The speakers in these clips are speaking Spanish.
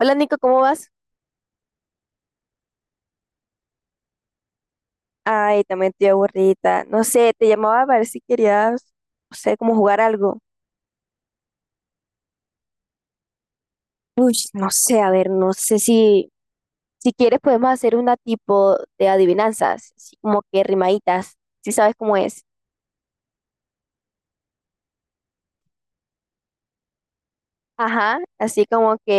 Hola Nico, ¿cómo vas? Ay, también estoy aburrida. No sé, te llamaba a ver si querías, no sé, como jugar algo. Uy, no sé, a ver, no sé si, si quieres podemos hacer una tipo de adivinanzas, así como que rimaditas, si sabes cómo es. Ajá, así como que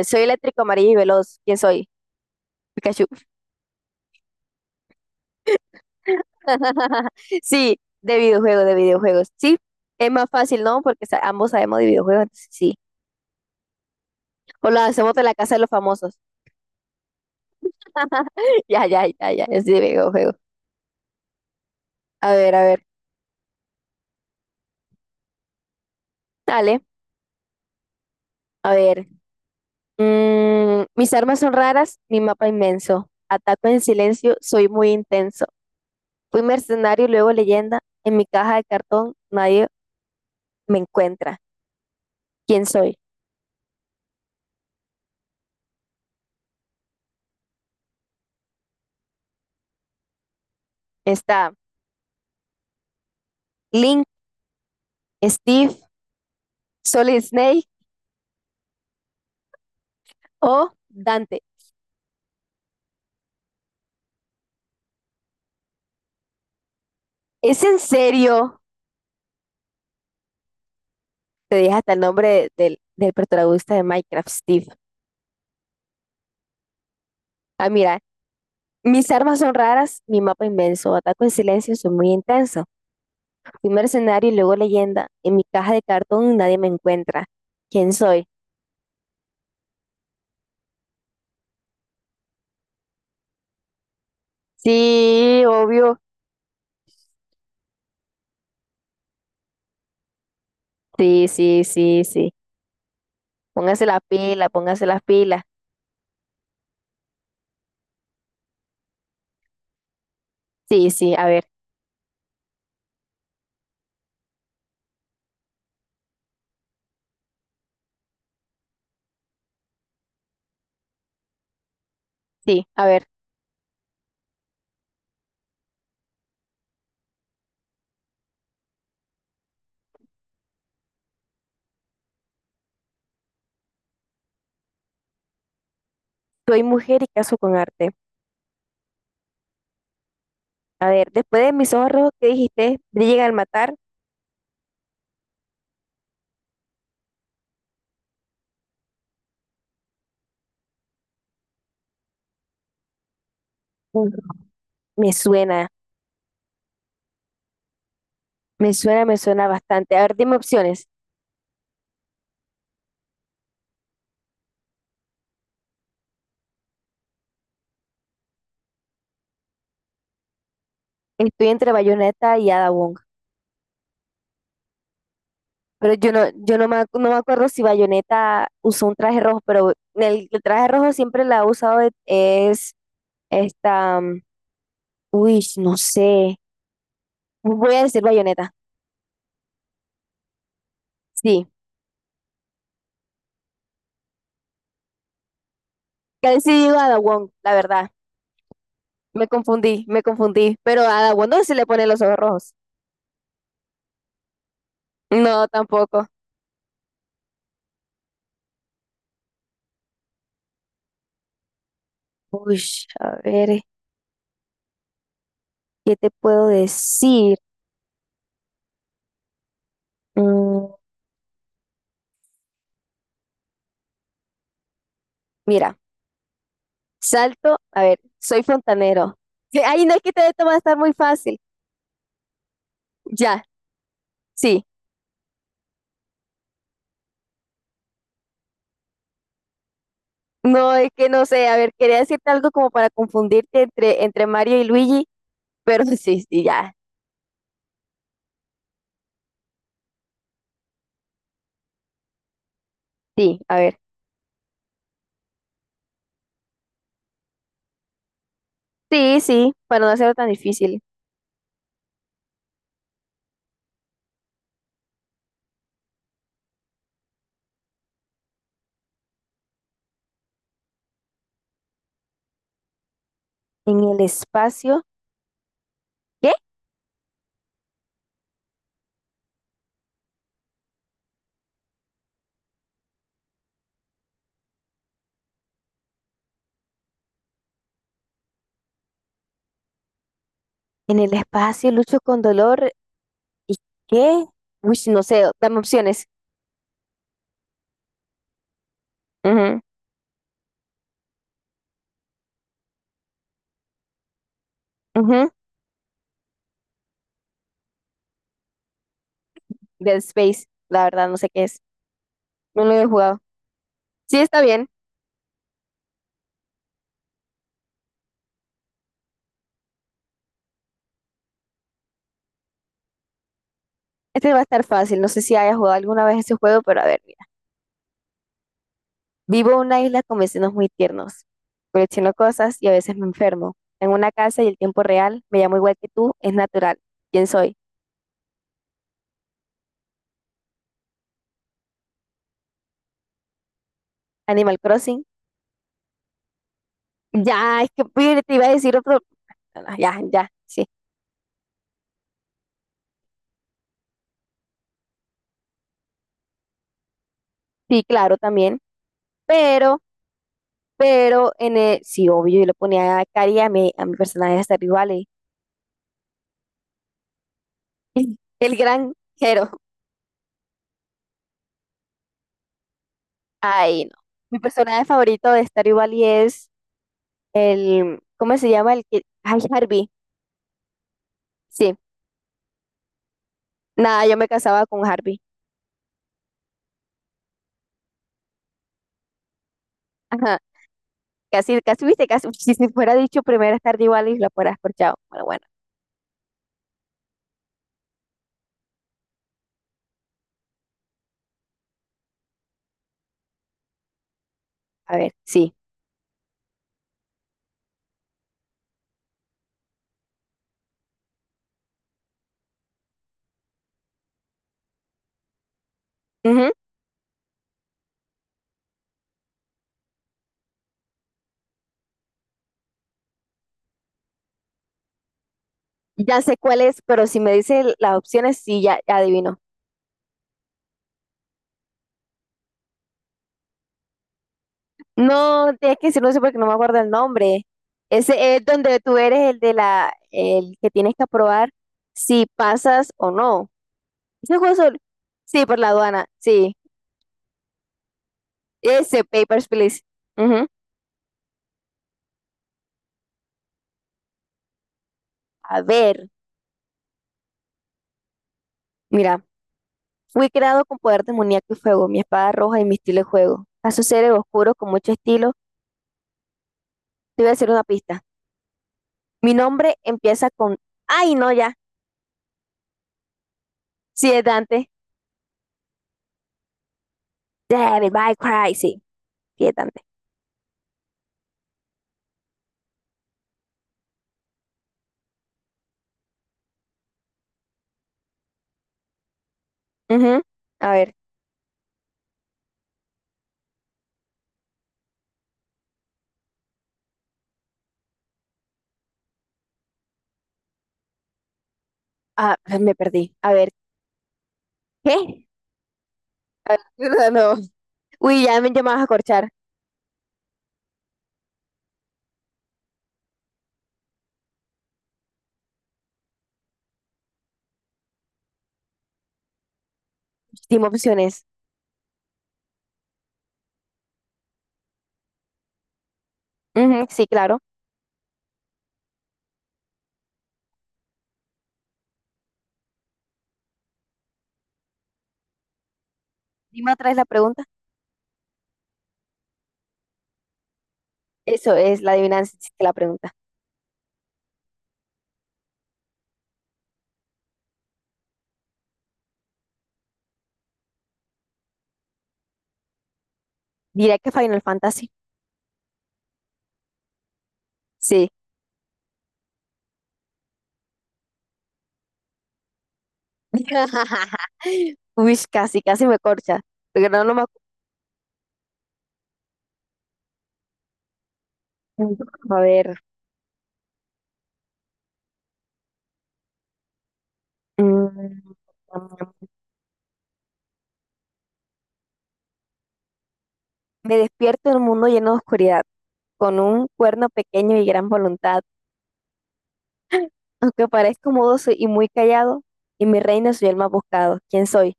soy eléctrico, amarillo y veloz. ¿Quién soy? Pikachu. Sí, de videojuegos, de videojuegos. Sí, es más fácil, ¿no? Porque ambos sabemos de videojuegos, entonces sí. O lo hacemos de la casa de los famosos. Ya, ya, ya, ya, es de videojuego. A ver, dale, a ver. Mis armas son raras, mi mapa inmenso. Ataco en silencio, soy muy intenso. Fui mercenario, luego leyenda. En mi caja de cartón nadie me encuentra. ¿Quién soy? Está Link, Steve, Solid Snake o Dante. ¿Es en serio? Te dije hasta el nombre del, del protagonista de Minecraft, Steve. Ah, mira, mis armas son raras, mi mapa inmenso. Ataco en silencio, soy muy intenso. Fui mercenario y luego leyenda. En mi caja de cartón nadie me encuentra. ¿Quién soy? Sí, obvio. Sí, sí, sí, sí. Póngase la pila, póngase las pilas. Sí, sí, a ver, sí, a ver. Soy mujer y caso con arte. A ver, después de mis ojos rojos que dijiste, brillan al matar. Ujú. Me suena, me suena, me suena bastante. A ver, dime opciones. Estoy entre Bayonetta y Ada Wong. Pero yo no, yo no me, no me acuerdo si Bayonetta usó un traje rojo, pero el traje rojo siempre la ha usado es esta, uy, no sé. Voy a decir Bayonetta. Sí. Casi sí digo Ada Wong, la verdad. Me confundí, me confundí. Pero a Ada Wong no se le ponen los ojos rojos. No, tampoco. Uy, a ver, ¿qué te puedo decir? Mm, mira, salto, a ver, soy fontanero. Sí, ay, no, es que te toma estar muy fácil. Ya, sí. No, es que no sé, a ver, quería decirte algo como para confundirte entre Mario y Luigi, pero sí, sí, ya, sí, a ver. Sí, sí, para no hacerlo tan difícil. En el espacio, ¿qué? En el espacio lucho con dolor, ¿y qué? Uy, no sé, dame opciones. Ujú, ujú, Dead Space, la verdad, no sé qué es, no lo he jugado. Sí, está bien, este va a estar fácil, no sé si haya jugado alguna vez ese juego, pero a ver. Vivo en una isla con vecinos muy tiernos. Colecciono cosas y a veces me enfermo. En una casa y el tiempo real, me llamo igual que tú, es natural. ¿Quién soy? Animal Crossing. Ya, es que pide, te iba a decir otro. No, no, ya, ya, sí. Sí, claro, también. Pero, pero, en el... sí, obvio, yo le ponía a Cari a mi personaje de Stardew Valley. El gran Jero. Ay, no. Mi personaje favorito de Stardew Valley es el. ¿Cómo se llama? El que. Ay, Harvey. Sí. Nada, yo me casaba con Harvey. Ajá, casi, casi, viste, casi, si se fuera dicho primera tarde igual y lo fuera escorchado. Bueno, bueno, a ver, sí. Ujú. Ya sé cuál es, pero si me dice las opciones, sí, ya, ya adivino. No, tienes que decirlo eso porque no me acuerdo el nombre. Ese es donde tú eres el de la, el que tienes que aprobar si pasas o no. ¿Ese juego solo? Sí, por la aduana, sí. Ese, Papers, Please. Ujú. A ver, mira. Fui creado con poder demoníaco y fuego, mi espada roja y mi estilo de juego. A su seres oscuros con mucho estilo. Te voy a hacer una pista. Mi nombre empieza con. ¡Ay, no, ya! Sí, es Dante. David by Cry. Sí, sí, es Dante. Ujú. A ver. Ah, me perdí. A ver. ¿Qué? A ver, no, no. Uy, ya me llamabas a corchar. Dime opciones. Ujú, sí, claro. Dime otra vez la pregunta. Eso es la adivinanza, sí, que la pregunta. Diré que Final Fantasy. Sí. Uy, casi, casi me corcha. Pero no, no me Mm, a ver, mm, me despierto en un mundo lleno de oscuridad, con un cuerno pequeño y gran voluntad. Aunque parezco mudo y muy callado, y mi reino soy el más buscado. ¿Quién soy?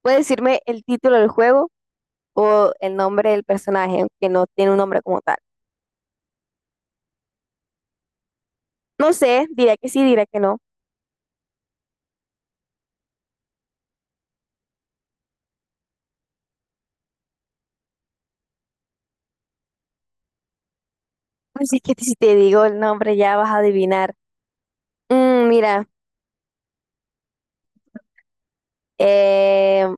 Puede decirme el título del juego o el nombre del personaje, aunque no tiene un nombre como tal. No sé, dirá que sí, dirá que no. Así es que si te digo el nombre ya vas a adivinar. Mm, mira, eh,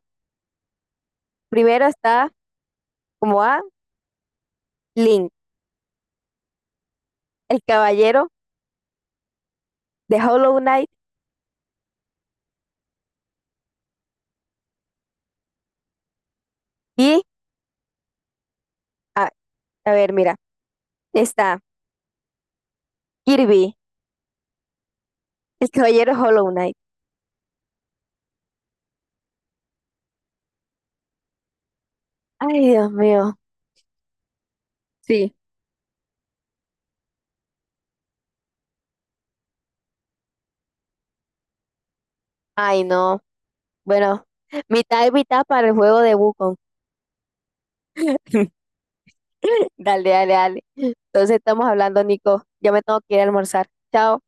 primero está como A, Link, el caballero de Hollow Knight y... A ver, mira, está Kirby, el caballero Hollow Knight. Ay, Dios mío. Sí. Ay, no. Bueno, mitad y mitad para el juego de Wukong. Dale, dale, dale. Entonces estamos hablando, Nico. Yo me tengo que ir a almorzar. Chao.